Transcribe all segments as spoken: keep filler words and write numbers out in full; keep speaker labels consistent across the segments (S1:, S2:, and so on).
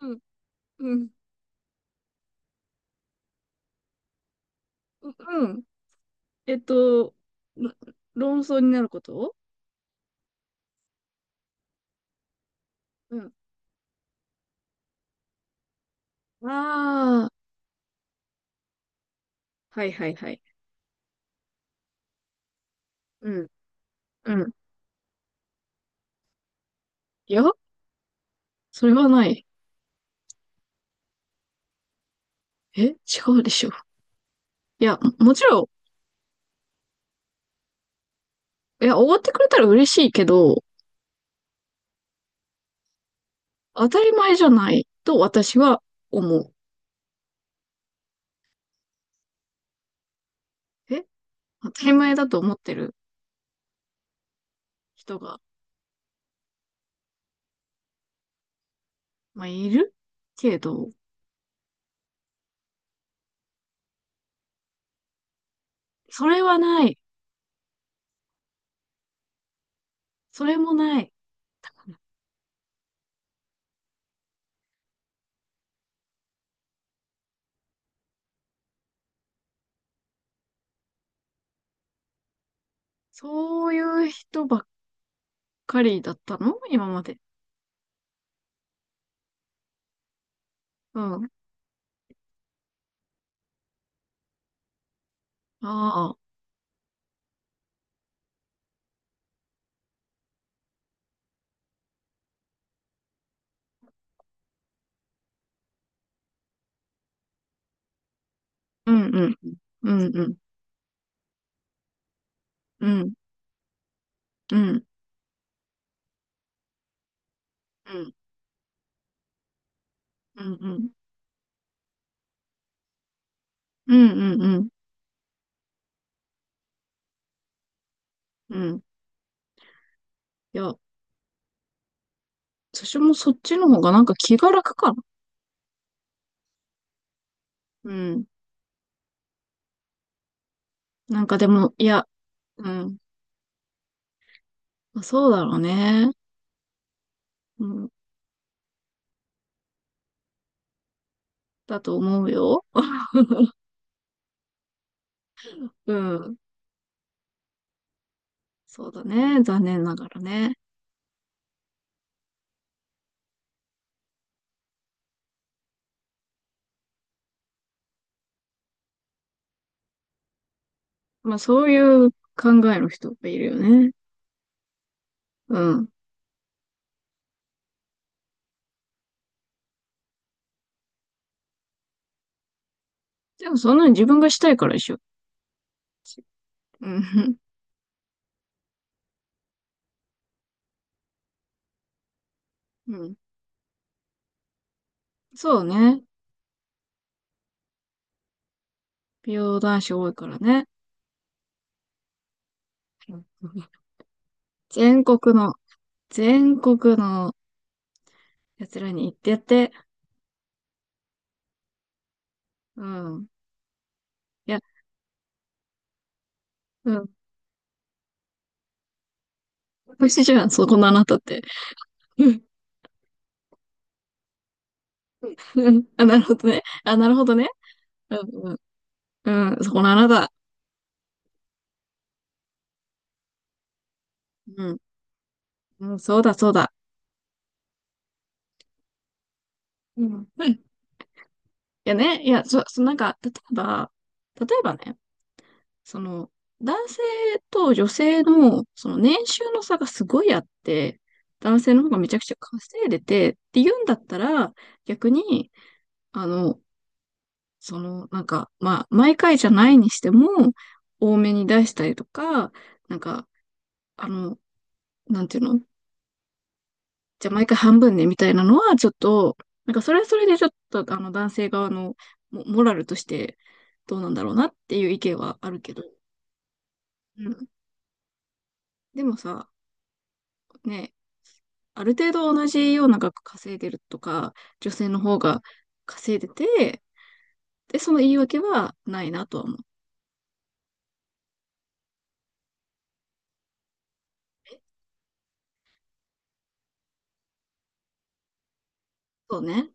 S1: うん、うん、うん。えっと、ろ論争になること。うん。ああ、はいはいはい。うん、うん。いや、それはない。え、違うでしょ。いや、ももちろん、いや、終わってくれたら嬉しいけど、当たり前じゃないと私は思う。え、当たり前だと思ってる人が、まあ、いるけど。それはない。それもない。そういう人ばっかりだったの今まで。うん。ああ。うん、うん、うん、うん、うん、うん、うん、うん、うん、うん、うん、うん、うん。いや、私もそっちの方がなんか気が楽かな。うん。なんかでも、いや、うん。まあそうだろうね。うん。だと思うよ。うん。そうだね。残念ながらね。まあそういう考えの人がいるよね。うん。でもそんなに自分がしたいからでしょ。うん。うん。そうね。美容男子多いからね。うん。全国の全国の奴らに行ってやって。うん。いや、うん。美味しいじゃん、そこのあなたって。うん。うん。あ、なるほどね。あ、なるほどね。うん、うん。うん、そこのあなた。うん。うん、そうだ、そうだ。うん。うん。いやね、いや、そ、そ、なんか、例えば、例えばね、その、男性と女性の、その年収の差がすごいあって、男性の方がめちゃくちゃ稼いでてって言うんだったら、逆に、あの、その、なんか、まあ、毎回じゃないにしても、多めに出したりとか、なんか、あの、なんていうの、じゃあ毎回半分ね、みたいなのは、ちょっと、なんか、それはそれでちょっと、あの、男性側のモ、モラルとして、どうなんだろうなっていう意見はあるけど。うん。でもさ、ね、ある程度同じような額稼いでるとか、女性の方が稼いでて、で、その言い訳はないなとは思う。そうね。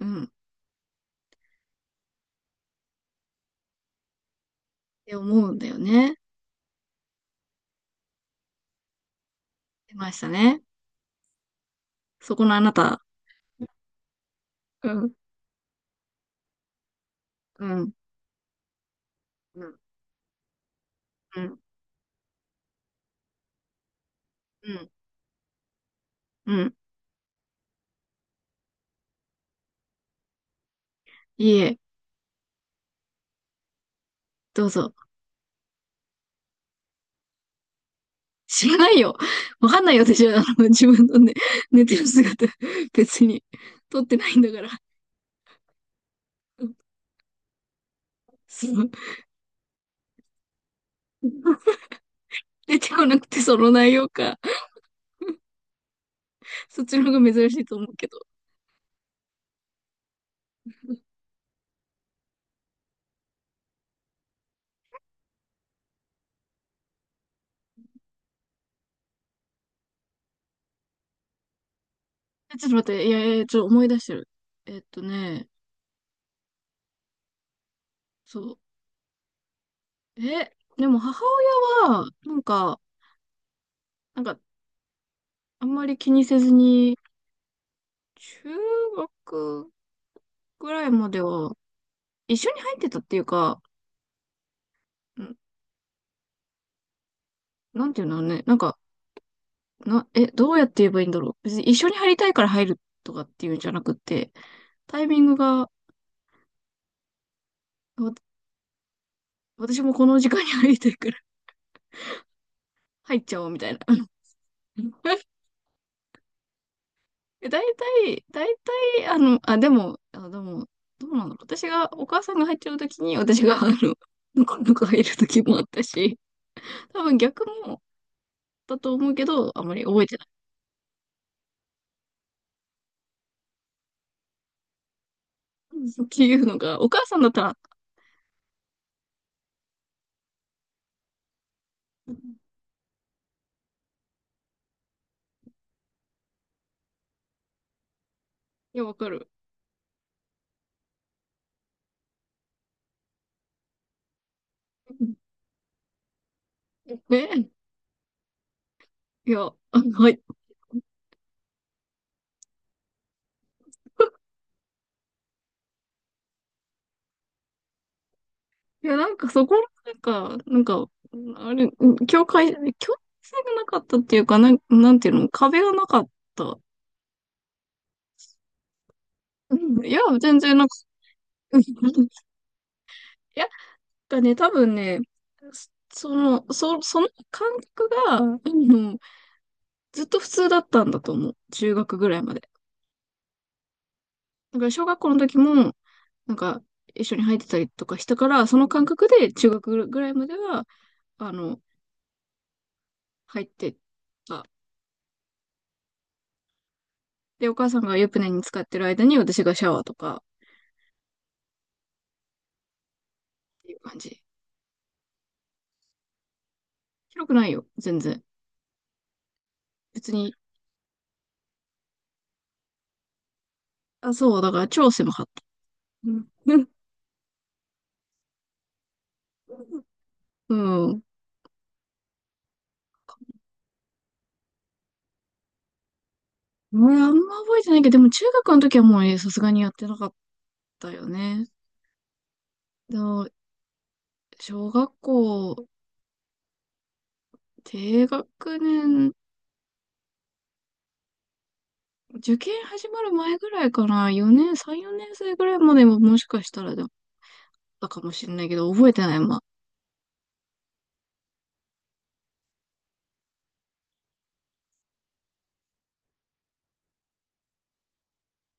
S1: うん。って思うんだよね。出ましたね。そこのあなた。うん、うん、うん、うん、うん、うん。いいえ、どうぞ。知らないよ。わかんないよ、私は。あの、自分のね、寝てる姿、別に、撮ってないんだから。そう。出てこなくて、その内容か。そっちの方が珍しいと思うけど。え、ちょっと待って、いやいや、ちょっと思い出してる。えっとね、そう。え、でも母親は、なんか、なんか、あんまり気にせずに、中学ぐらいまでは、一緒に入ってたっていうか、んなんていうのね、なんか、な、え、どうやって言えばいいんだろう。別に一緒に入りたいから入るとかっていうんじゃなくて、タイミングが、わ私もこの時間に入りたいから 入っちゃおうみたいな。え、大体、大体、あの、あ、でも、あ、でも、どうなんだろう。私が、お母さんが入ってるときに、私が、あの、ぬかぬか入るときもあったし、多分逆もだと思うけど、あんまり覚えてない。っていうのが、お母さんだったら、いや、わかる。ね、いや、あの、はい。いや、なんかそこなんか、なんか、あれ、境界、境界線がなかったっていうか、なん、なんていうの、壁がなかった。うんいや、全然なんか、いや、だね、多分ね、その、そ、その感覚が、うずっと普通だったんだと思う。中学ぐらいまで。だから小学校の時も、なんか、一緒に入ってたりとかしたから、その感覚で中学ぐらいまでは、あの、入ってた。で、お母さんが湯船に使ってる間に私がシャワーとかっていう感じ。広くないよ、全然。別に。あ、そう、だから超狭かった。うん。うん。俺あんま覚えてないけど、でも中学の時はもうね、さすがにやってなかったよね。でも小学校、低学年、受験始まる前ぐらいかな。よねん、さん、よねん生ぐらいまでももしかしたらだったかもしれないけど、覚えてない、まあ。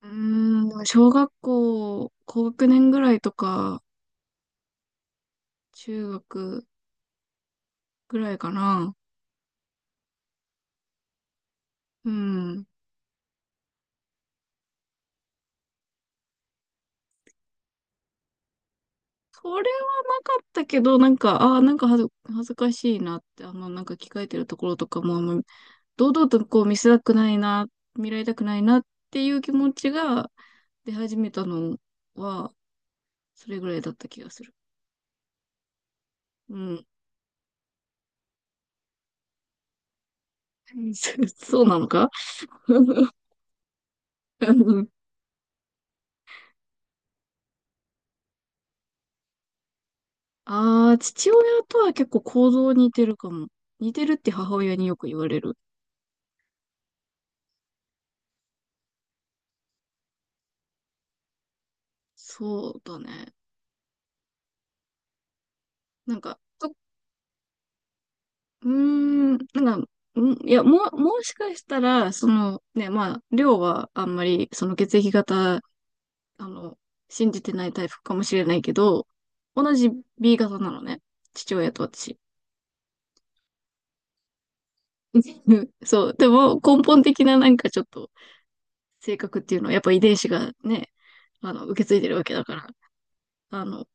S1: うーん、小学校、高学年ぐらいとか、中学ぐらいかな。うん。それはなかったけど、なんか、ああ、なんか恥ず、恥ずかしいなって、あの、なんか着替えてるところとかも、あんま堂々とこう見せたくないな、見られたくないなっていう気持ちが出始めたのは、それぐらいだった気がする。うん。そそうなのか ああ、父親とは結構行動似てるかも。似てるって母親によく言われる。そうだね。なんか、とうーん、なんか、うんいや、ももしかしたら、そのね、まあ、量はあんまり、その血液型、あの、信じてないタイプかもしれないけど、同じ B 型なのね。父親と私。そう。でも、根本的ななんかちょっと、性格っていうのは、やっぱ遺伝子がね、あの、受け継いでるわけだから。あの、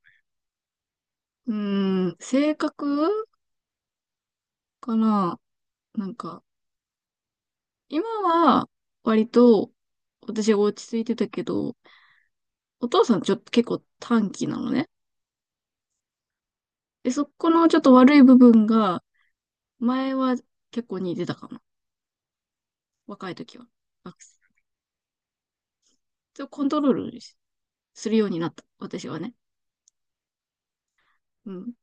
S1: うーん、性格かな。なんか、今は、割と、私は落ち着いてたけど、お父さんちょっと結構短気なのね。で、そこのちょっと悪い部分が、前は結構似てたかな。若い時は。あ、それをコントロールするようになった。私はね。うん。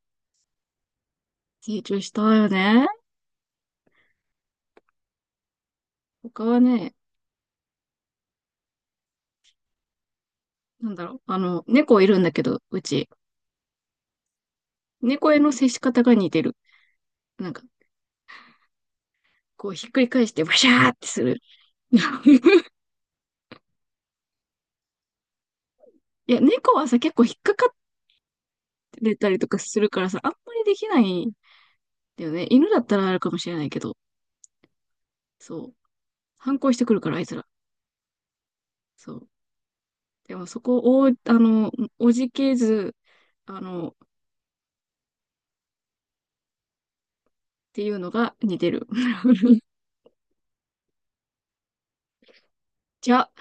S1: 成長したよね。他はね、なんだろう。あの、猫いるんだけど、うち。猫への接し方が似てる。なんか、こうひっくり返してバシャーってする。いや、猫はさ、結構引っかかってたりとかするからさ、あんまりできないんだよね。犬だったらあるかもしれないけど。そう。反抗してくるから、あいつら。そう。でもそこを、あの、おじけず、あの、っていうのが似てる。じゃあ。